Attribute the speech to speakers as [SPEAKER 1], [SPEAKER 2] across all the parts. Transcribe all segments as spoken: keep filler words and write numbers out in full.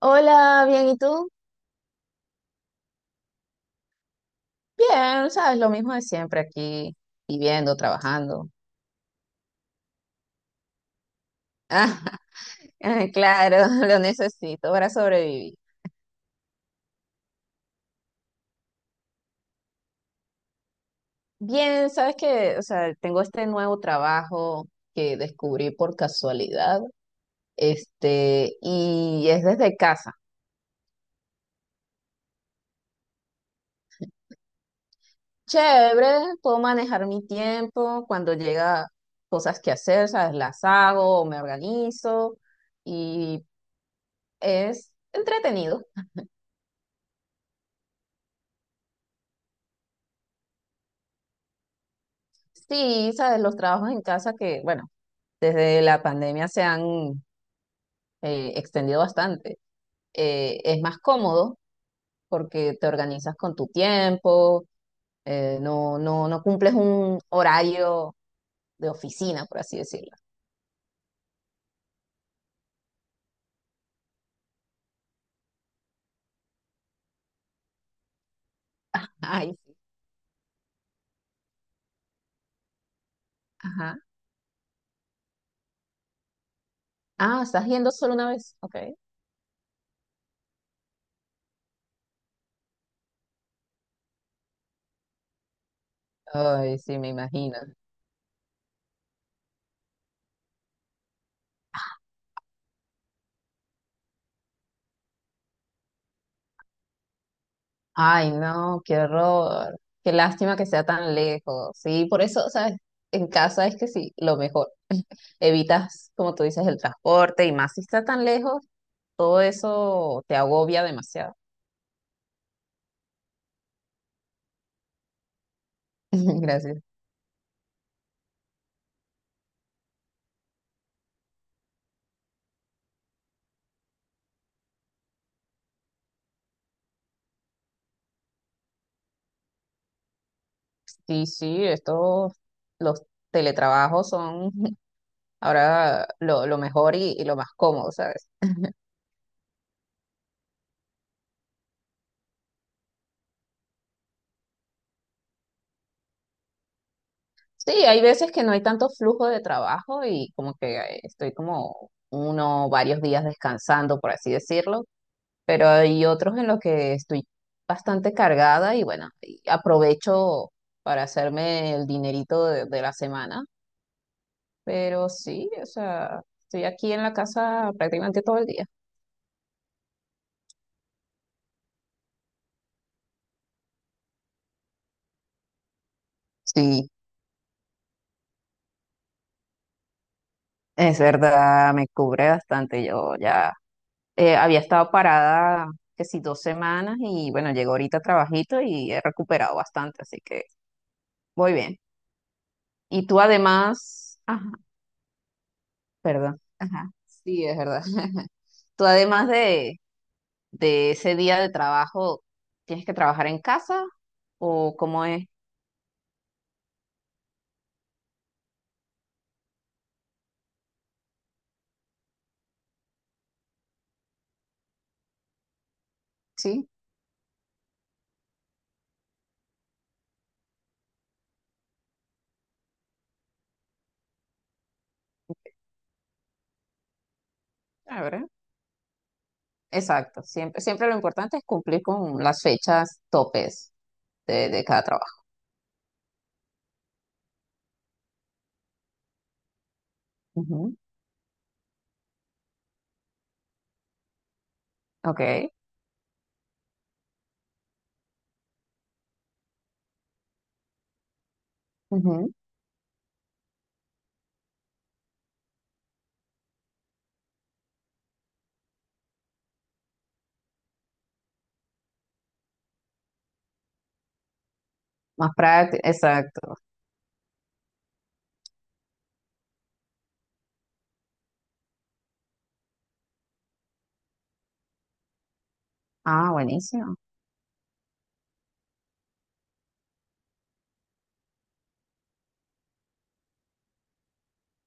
[SPEAKER 1] Hola, bien, ¿y tú? Bien, sabes, lo mismo de siempre aquí, viviendo, trabajando. Ah, claro, lo necesito para sobrevivir. Bien, sabes que, o sea, tengo este nuevo trabajo que descubrí por casualidad, este, y es desde casa. Chévere, puedo manejar mi tiempo cuando llega cosas que hacer, sabes, las hago, o me organizo y es entretenido. Sí, sabes, los trabajos en casa que, bueno. desde la pandemia se han eh, extendido bastante. Eh, es más cómodo porque te organizas con tu tiempo, eh, no, no, no cumples un horario de oficina, por así decirlo. Ay, sí. Ajá. Ah, estás yendo solo una vez. Ok. Ay, sí, me imagino. Ay, no, qué horror. Qué lástima que sea tan lejos. Sí, por eso, ¿sabes? En casa es que sí, lo mejor. Evitas, como tú dices, el transporte y más si está tan lejos, todo eso te agobia demasiado. Gracias. Sí, sí, estos, los teletrabajos son ahora lo, lo mejor y, y lo más cómodo, ¿sabes? Sí, hay veces que no hay tanto flujo de trabajo y como que eh, estoy como uno, varios días descansando, por así decirlo, pero hay otros en los que estoy bastante cargada y bueno, y aprovecho para hacerme el dinerito de de la semana. Pero sí, o sea, estoy aquí en la casa prácticamente todo el día. Sí, es verdad, me cubre bastante. Yo ya eh, había estado parada que si dos semanas y bueno, llegó ahorita trabajito y he recuperado bastante, así que voy bien. Y tú además, ajá, perdón, ajá, sí, es verdad. Tú además de, de ese día de trabajo, ¿tienes que trabajar en casa o cómo es? Sí, a ver. Exacto, siempre, siempre lo importante es cumplir con las fechas topes de, de cada trabajo. Ujú. Ok. Ujú. Más práctico, exacto. Ah, buenísimo.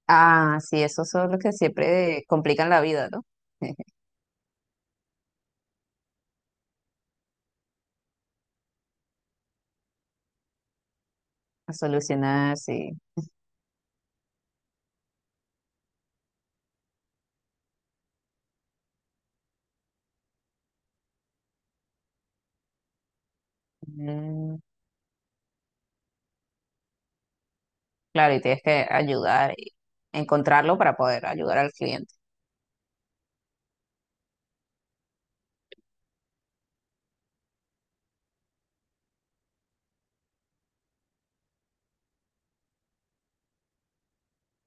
[SPEAKER 1] Ah, sí, esos son los que siempre complican la vida, ¿no? A solucionar, sí. Mm. Claro, y tienes que ayudar y encontrarlo para poder ayudar al cliente.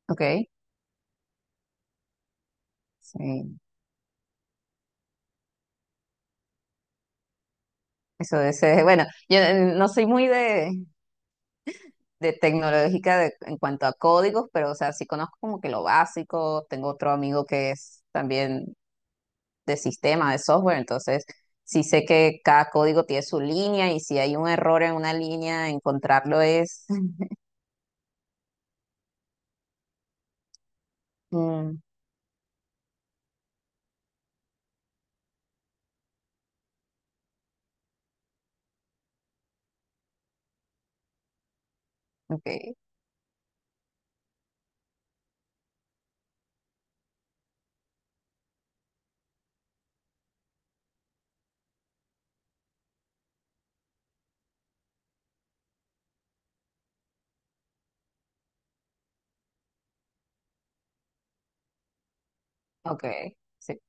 [SPEAKER 1] Ok, sí, eso es, bueno, yo eh, no soy muy de, de tecnológica de- en cuanto a códigos, pero o sea, sí conozco como que lo básico. Tengo otro amigo que es también de sistema, de software, entonces sí sé que cada código tiene su línea y si hay un error en una línea, encontrarlo es... Mm. Ok, ok, sí,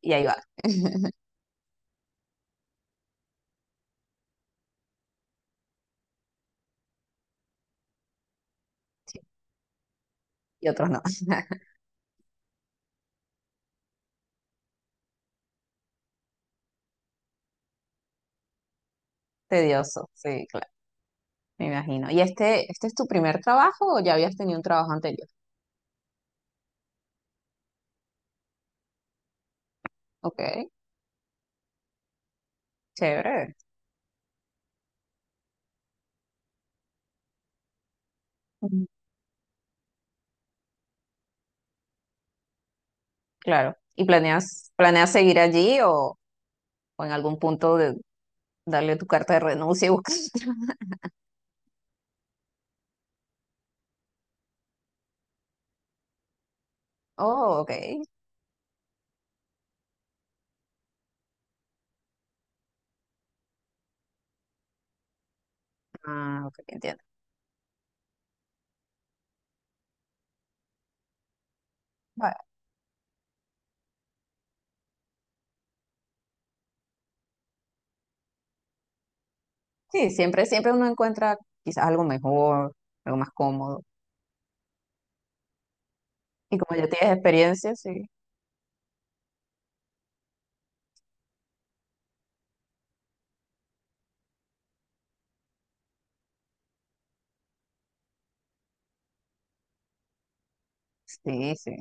[SPEAKER 1] y ahí va. Sí. Y otros no. Tedioso, sí, claro, me imagino. ¿Y este, este es tu primer trabajo o ya habías tenido un trabajo anterior? Ok, chévere. Ujú. Claro. ¿Y planeas, planeas seguir allí, o, o en algún punto de darle tu carta de renuncia y buscar otra? Oh, ok. Ah, ok, entiendo. Vale. Sí, siempre, siempre uno encuentra quizás algo mejor, algo más cómodo. Y como ya tienes experiencia, sí. Sí, sí.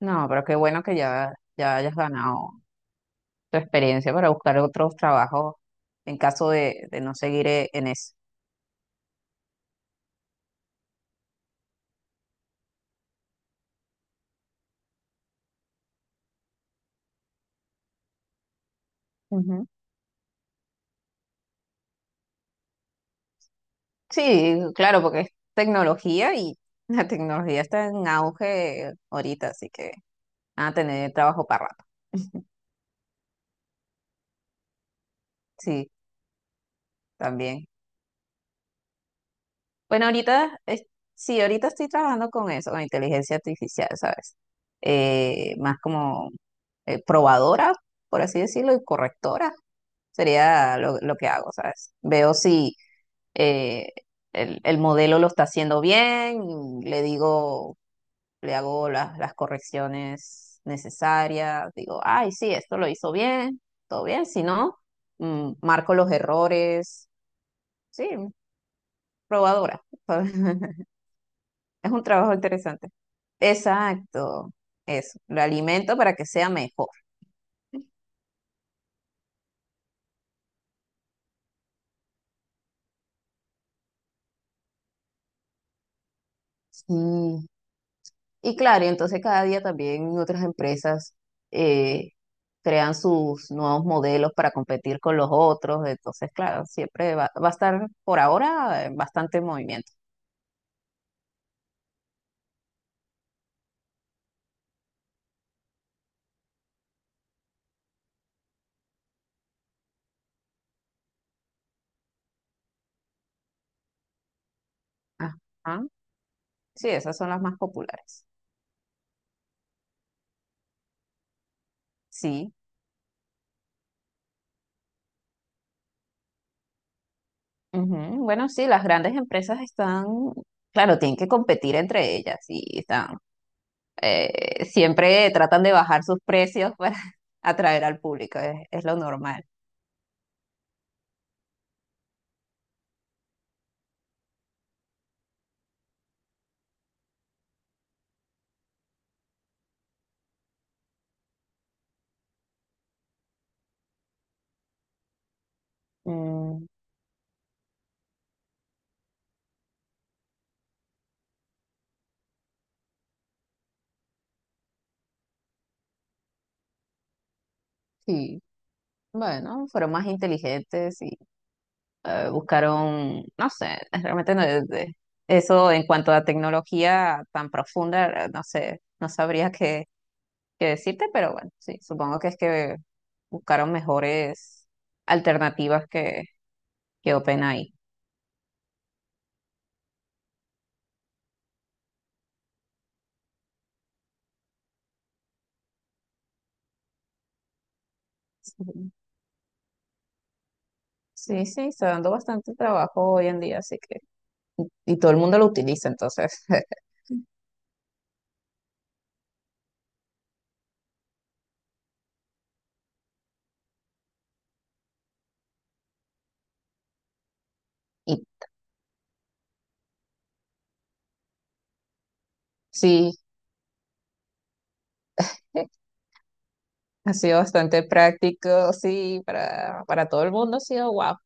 [SPEAKER 1] No, pero qué bueno que ya, ya hayas ganado tu experiencia para buscar otros trabajos en caso de, de no seguir eh, en eso. Ujú. Sí, claro, porque es tecnología y la tecnología está en auge ahorita, así que van a tener trabajo para rato. Sí, también. Bueno, ahorita, es- sí, ahorita estoy trabajando con eso, con inteligencia artificial, ¿sabes? Eh, más como eh, probadora, por así decirlo, y correctora sería lo, lo que hago, ¿sabes? Veo si eh, el, el modelo lo está haciendo bien, le digo, le hago las, las correcciones necesarias, digo, ay, sí, esto lo hizo bien, todo bien, si no, mm, marco los errores, sí, probadora. Es un trabajo interesante. Exacto, eso, lo alimento para que sea mejor. Y, Y claro, y entonces cada día también otras empresas eh, crean sus nuevos modelos para competir con los otros, entonces claro, siempre va, va a estar por ahora eh, bastante en movimiento. Ajá. Sí, esas son las más populares. Sí. Ujú. Bueno, sí, las grandes empresas están, claro, tienen que competir entre ellas y están eh, siempre tratan de bajar sus precios para atraer al público, es, es lo normal. Mm, sí, bueno, fueron más inteligentes y eh, buscaron, no sé, realmente no es de- eso en cuanto a tecnología tan profunda, eh, no sé, no sabría qué, qué decirte, pero bueno, sí, supongo que es que buscaron mejores alternativas que, que OpenAI. Sí, sí, sí, está dando bastante trabajo hoy en día, así que... Y todo el mundo lo utiliza, entonces Y sí, ha sido bastante práctico, sí, para, para todo el mundo ha sido guau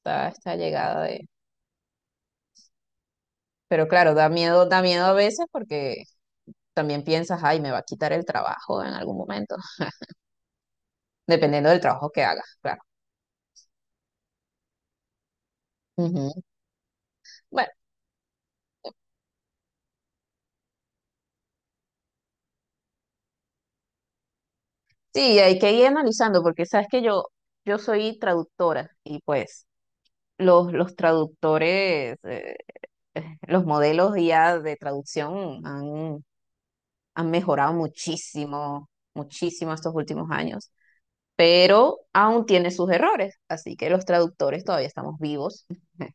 [SPEAKER 1] esta, esta llegada de... Pero claro, da miedo, da miedo a veces porque también piensas, ay, me va a quitar el trabajo en algún momento, dependiendo del trabajo que hagas, claro. Ujú. Bueno, sí, hay que ir analizando porque sabes que yo, yo soy traductora y pues los, los traductores, eh, los modelos ya de traducción han, han mejorado muchísimo, muchísimo estos últimos años. Pero aún tiene sus errores, así que los traductores todavía estamos vivos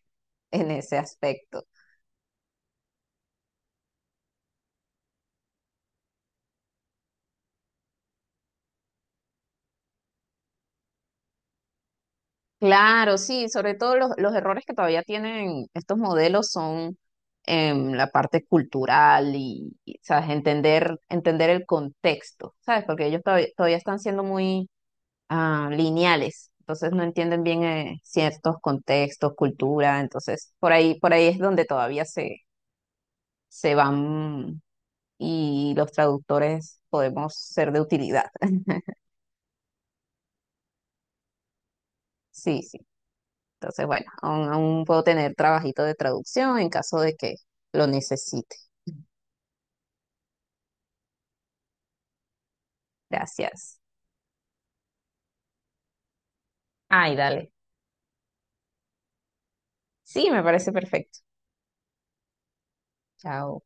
[SPEAKER 1] en ese aspecto. Claro, sí, sobre todo los, los errores que todavía tienen estos modelos son en la parte cultural y, y, ¿sabes? Entender, entender el contexto, ¿sabes? Porque ellos todavía, todavía están siendo muy ah, lineales, entonces no entienden bien eh, ciertos contextos, cultura, entonces por ahí, por ahí es donde todavía se, se van y los traductores podemos ser de utilidad. Sí, sí. Entonces, bueno, aún, aún puedo tener trabajito de traducción en caso de que lo necesite. Gracias. Ay, dale. Sí, me parece perfecto. Chao.